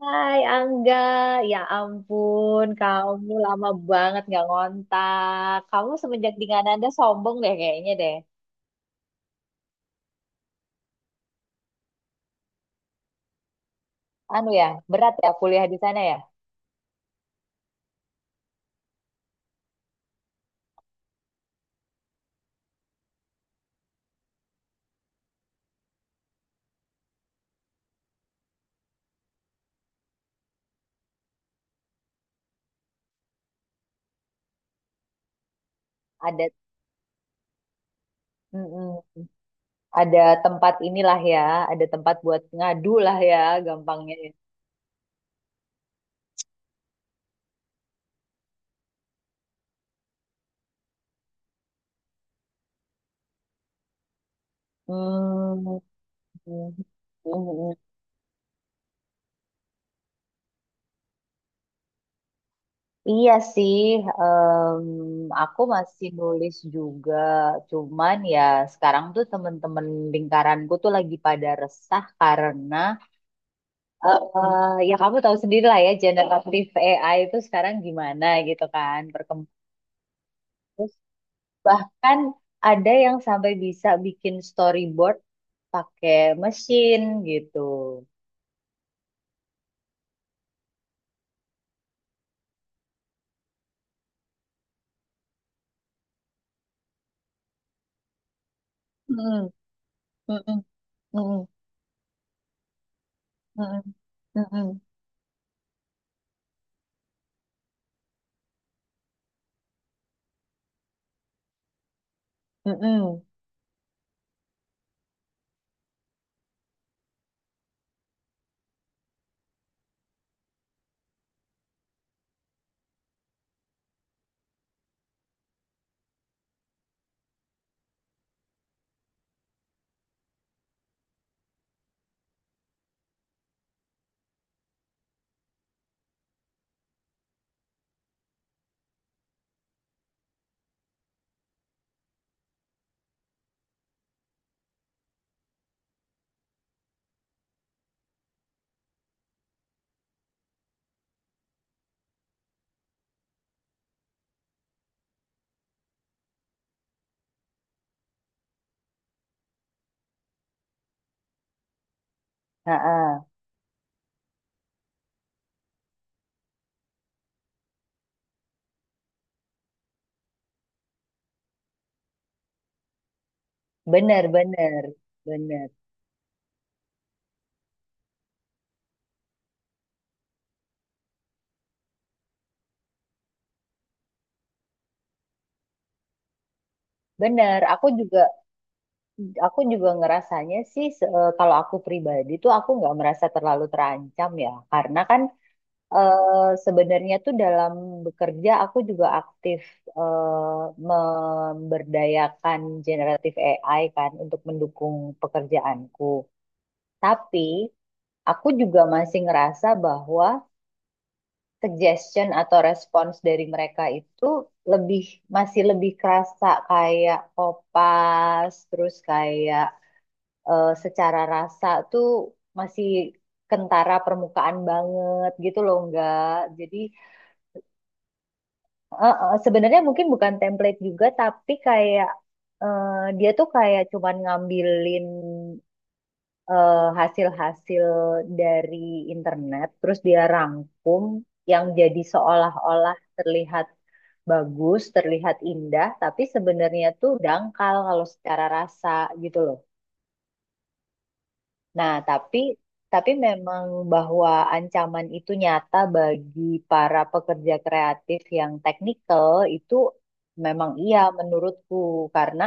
Hai Angga, ya ampun kamu lama banget nggak ngontak. Kamu semenjak di Kanada sombong deh kayaknya deh. Anu ya, berat ya kuliah di sana ya. Ada, mm-mm, ada tempat inilah ya, ada tempat buat ngadu lah ya, gampangnya, ya. Hmm, mm-mm. Iya sih, aku masih nulis juga. Cuman ya sekarang tuh temen-temen lingkaranku tuh lagi pada resah karena ya kamu tahu sendiri lah ya generatif AI itu sekarang gimana gitu kan berkembang. Terus Bahkan ada yang sampai bisa bikin storyboard pakai mesin gitu. Mm-mm, mm-mm, mm-mm, mm-mm, mm-mm, mm-mm. Heeh. Bener, bener, bener, bener. Aku juga ngerasanya sih kalau aku pribadi tuh aku nggak merasa terlalu terancam ya, karena kan sebenarnya tuh dalam bekerja aku juga aktif eh, memberdayakan generatif AI kan untuk mendukung pekerjaanku. Tapi aku juga masih ngerasa bahwa suggestion atau respons dari mereka itu lebih masih lebih kerasa kayak kopas, terus kayak secara rasa tuh masih kentara permukaan banget gitu loh enggak. Jadi sebenarnya mungkin bukan template juga, tapi kayak eh, dia tuh kayak cuman ngambilin hasil-hasil dari internet, terus dia rangkum yang jadi seolah-olah terlihat bagus, terlihat indah, tapi sebenarnya tuh dangkal kalau secara rasa gitu loh. Nah, tapi memang bahwa ancaman itu nyata bagi para pekerja kreatif yang teknikal itu memang iya menurutku karena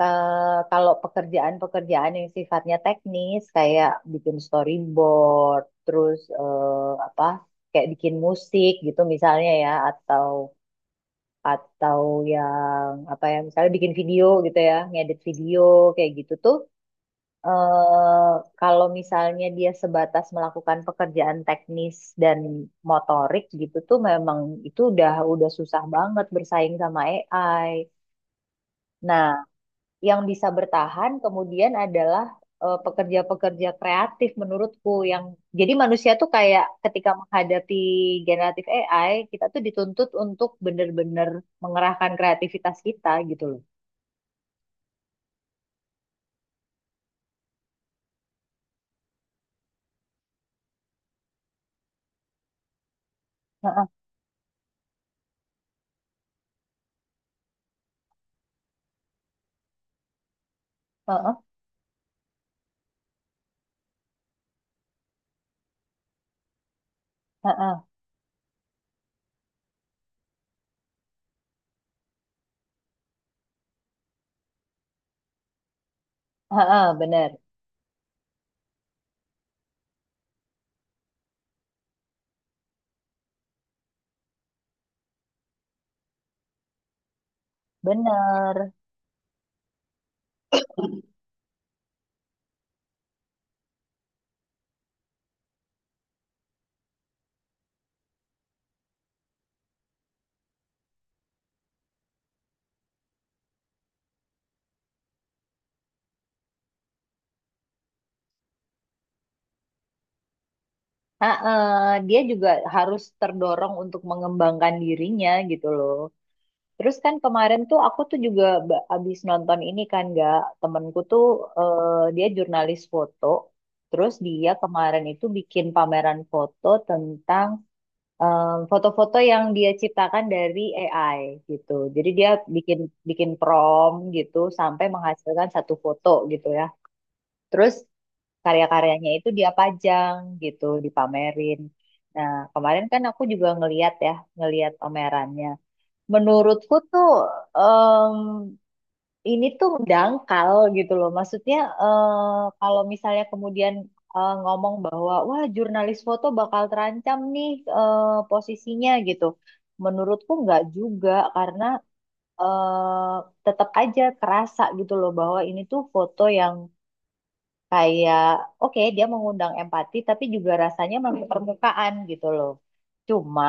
kalau pekerjaan-pekerjaan yang sifatnya teknis kayak bikin storyboard, terus apa kayak bikin musik gitu misalnya ya, atau atau yang apa ya misalnya bikin video gitu ya, ngedit video kayak gitu tuh eh kalau misalnya dia sebatas melakukan pekerjaan teknis dan motorik gitu tuh memang itu udah susah banget bersaing sama AI. Nah, yang bisa bertahan kemudian adalah pekerja-pekerja kreatif menurutku yang jadi manusia tuh kayak ketika menghadapi generatif AI, kita tuh dituntut untuk bener-bener mengerahkan kreativitas kita gitu loh. Heeh, heeh, heeh, heeh, bener, bener. Dia juga harus terdorong untuk mengembangkan dirinya gitu loh. Terus kan kemarin tuh aku tuh juga abis nonton ini kan gak temenku tuh dia jurnalis foto. Terus dia kemarin itu bikin pameran foto tentang em, foto-foto yang dia ciptakan dari AI gitu. Jadi dia bikin bikin prompt gitu sampai menghasilkan satu foto gitu ya. Terus karya-karyanya itu dia pajang gitu, dipamerin. Nah, kemarin kan aku juga ngeliat ya, ngeliat omerannya. Menurutku tuh em, ini tuh dangkal gitu loh. Maksudnya kalau misalnya kemudian ngomong bahwa wah jurnalis foto bakal terancam nih eh, posisinya gitu. Menurutku nggak juga karena eh, tetap aja kerasa gitu loh bahwa ini tuh foto yang kayak oke dia mengundang empati tapi juga rasanya masih permukaan gitu loh. Cuma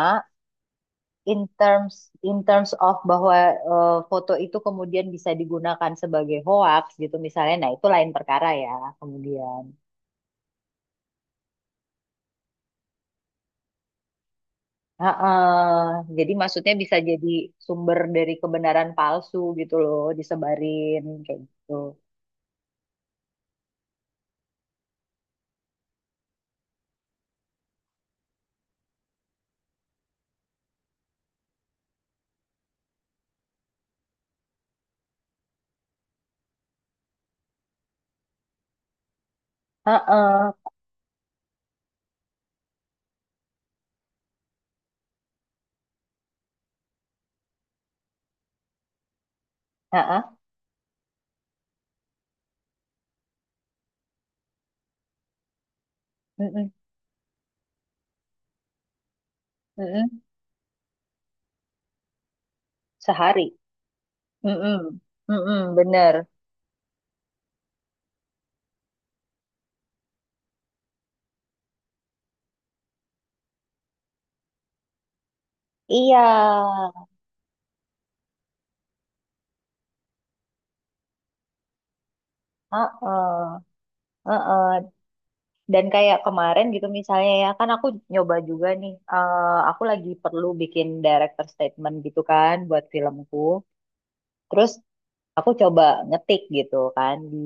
in terms in terms of bahwa foto itu kemudian bisa digunakan sebagai hoax gitu misalnya, nah itu lain perkara ya kemudian. Heeh. Jadi maksudnya bisa jadi sumber dari kebenaran palsu gitu loh disebarin kayak gitu. Heeh. Heeh. Mm-mm. Mm-mm. Sehari. Mm-mm. Mm-mm. Bener. Iya. Heeh. Heeh. Dan kayak kemarin gitu misalnya ya kan aku nyoba juga nih, aku lagi perlu bikin director statement gitu kan buat filmku, terus aku coba ngetik gitu kan di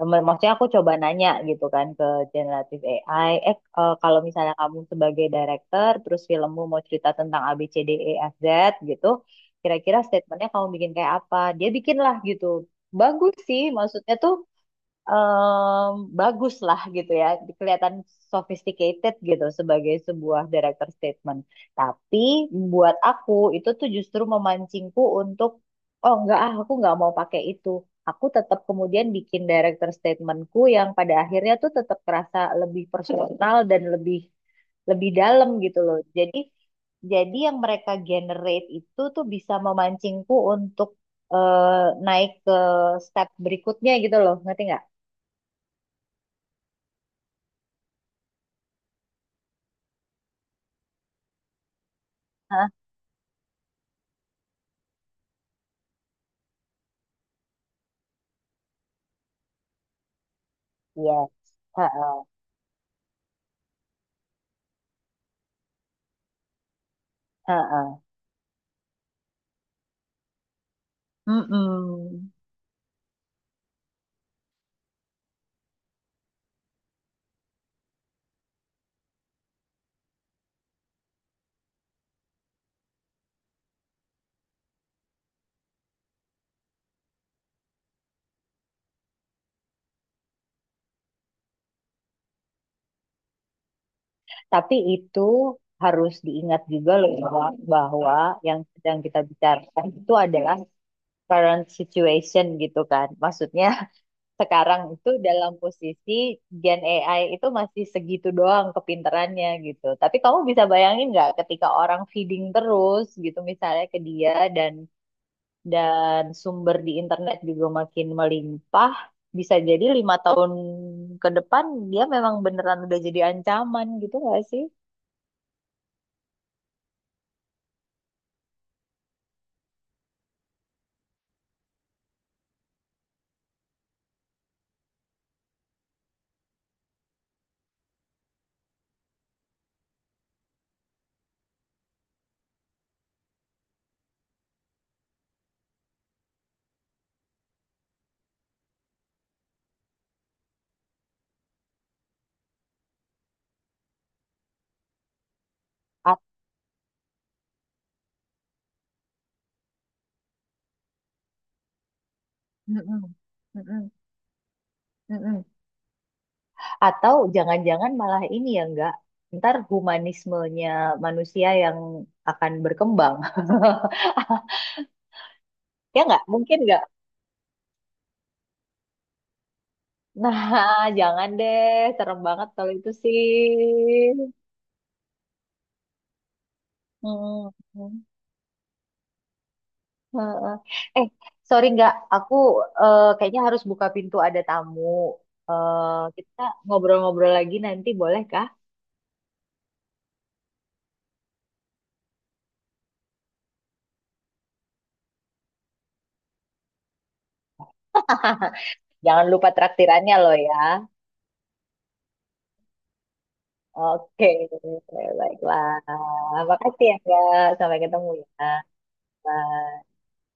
maksudnya aku coba nanya gitu kan ke generative AI, kalau misalnya kamu sebagai director terus filmmu mau cerita tentang A B C D E F Z gitu, kira-kira statementnya kamu bikin kayak apa, dia bikin lah gitu. Bagus sih, maksudnya tuh em, bagus lah gitu ya, kelihatan sophisticated gitu sebagai sebuah director statement. Tapi buat aku itu tuh justru memancingku untuk, oh enggak ah, aku nggak mau pakai itu. Aku tetap kemudian bikin director statementku yang pada akhirnya tuh tetap kerasa lebih personal dan lebih lebih dalam gitu loh. Jadi yang mereka generate itu tuh bisa memancingku untuk eh, naik ke step berikutnya gitu loh, ngerti nggak? Hah? Yes. Heeh, heeh. Mm-mm. Tapi itu harus diingat juga loh bahwa, bahwa yang sedang kita bicarakan itu adalah current situation gitu kan. Maksudnya sekarang itu dalam posisi Gen AI itu masih segitu doang kepinterannya gitu. Tapi kamu bisa bayangin nggak ketika orang feeding terus gitu misalnya ke dia, dan sumber di internet juga makin melimpah, bisa jadi 5 tahun ke depan dia memang beneran udah jadi ancaman gitu nggak sih? A- Mm-mm. Mm-mm. Mm-mm. Atau jangan-jangan malah ini ya enggak, ntar humanismenya manusia yang akan berkembang. Ya nggak? Mungkin nggak? Nah, jangan deh, serem banget kalau itu sih. Hmm. Hmm. Heeh. Eh, sorry nggak, aku kayaknya harus buka pintu ada tamu. Kita ngobrol-ngobrol lagi nanti boleh kah? Jangan lupa traktirannya loh ya. Oke, baiklah. Makasih ya, Kak. Sampai ketemu ya. Bye.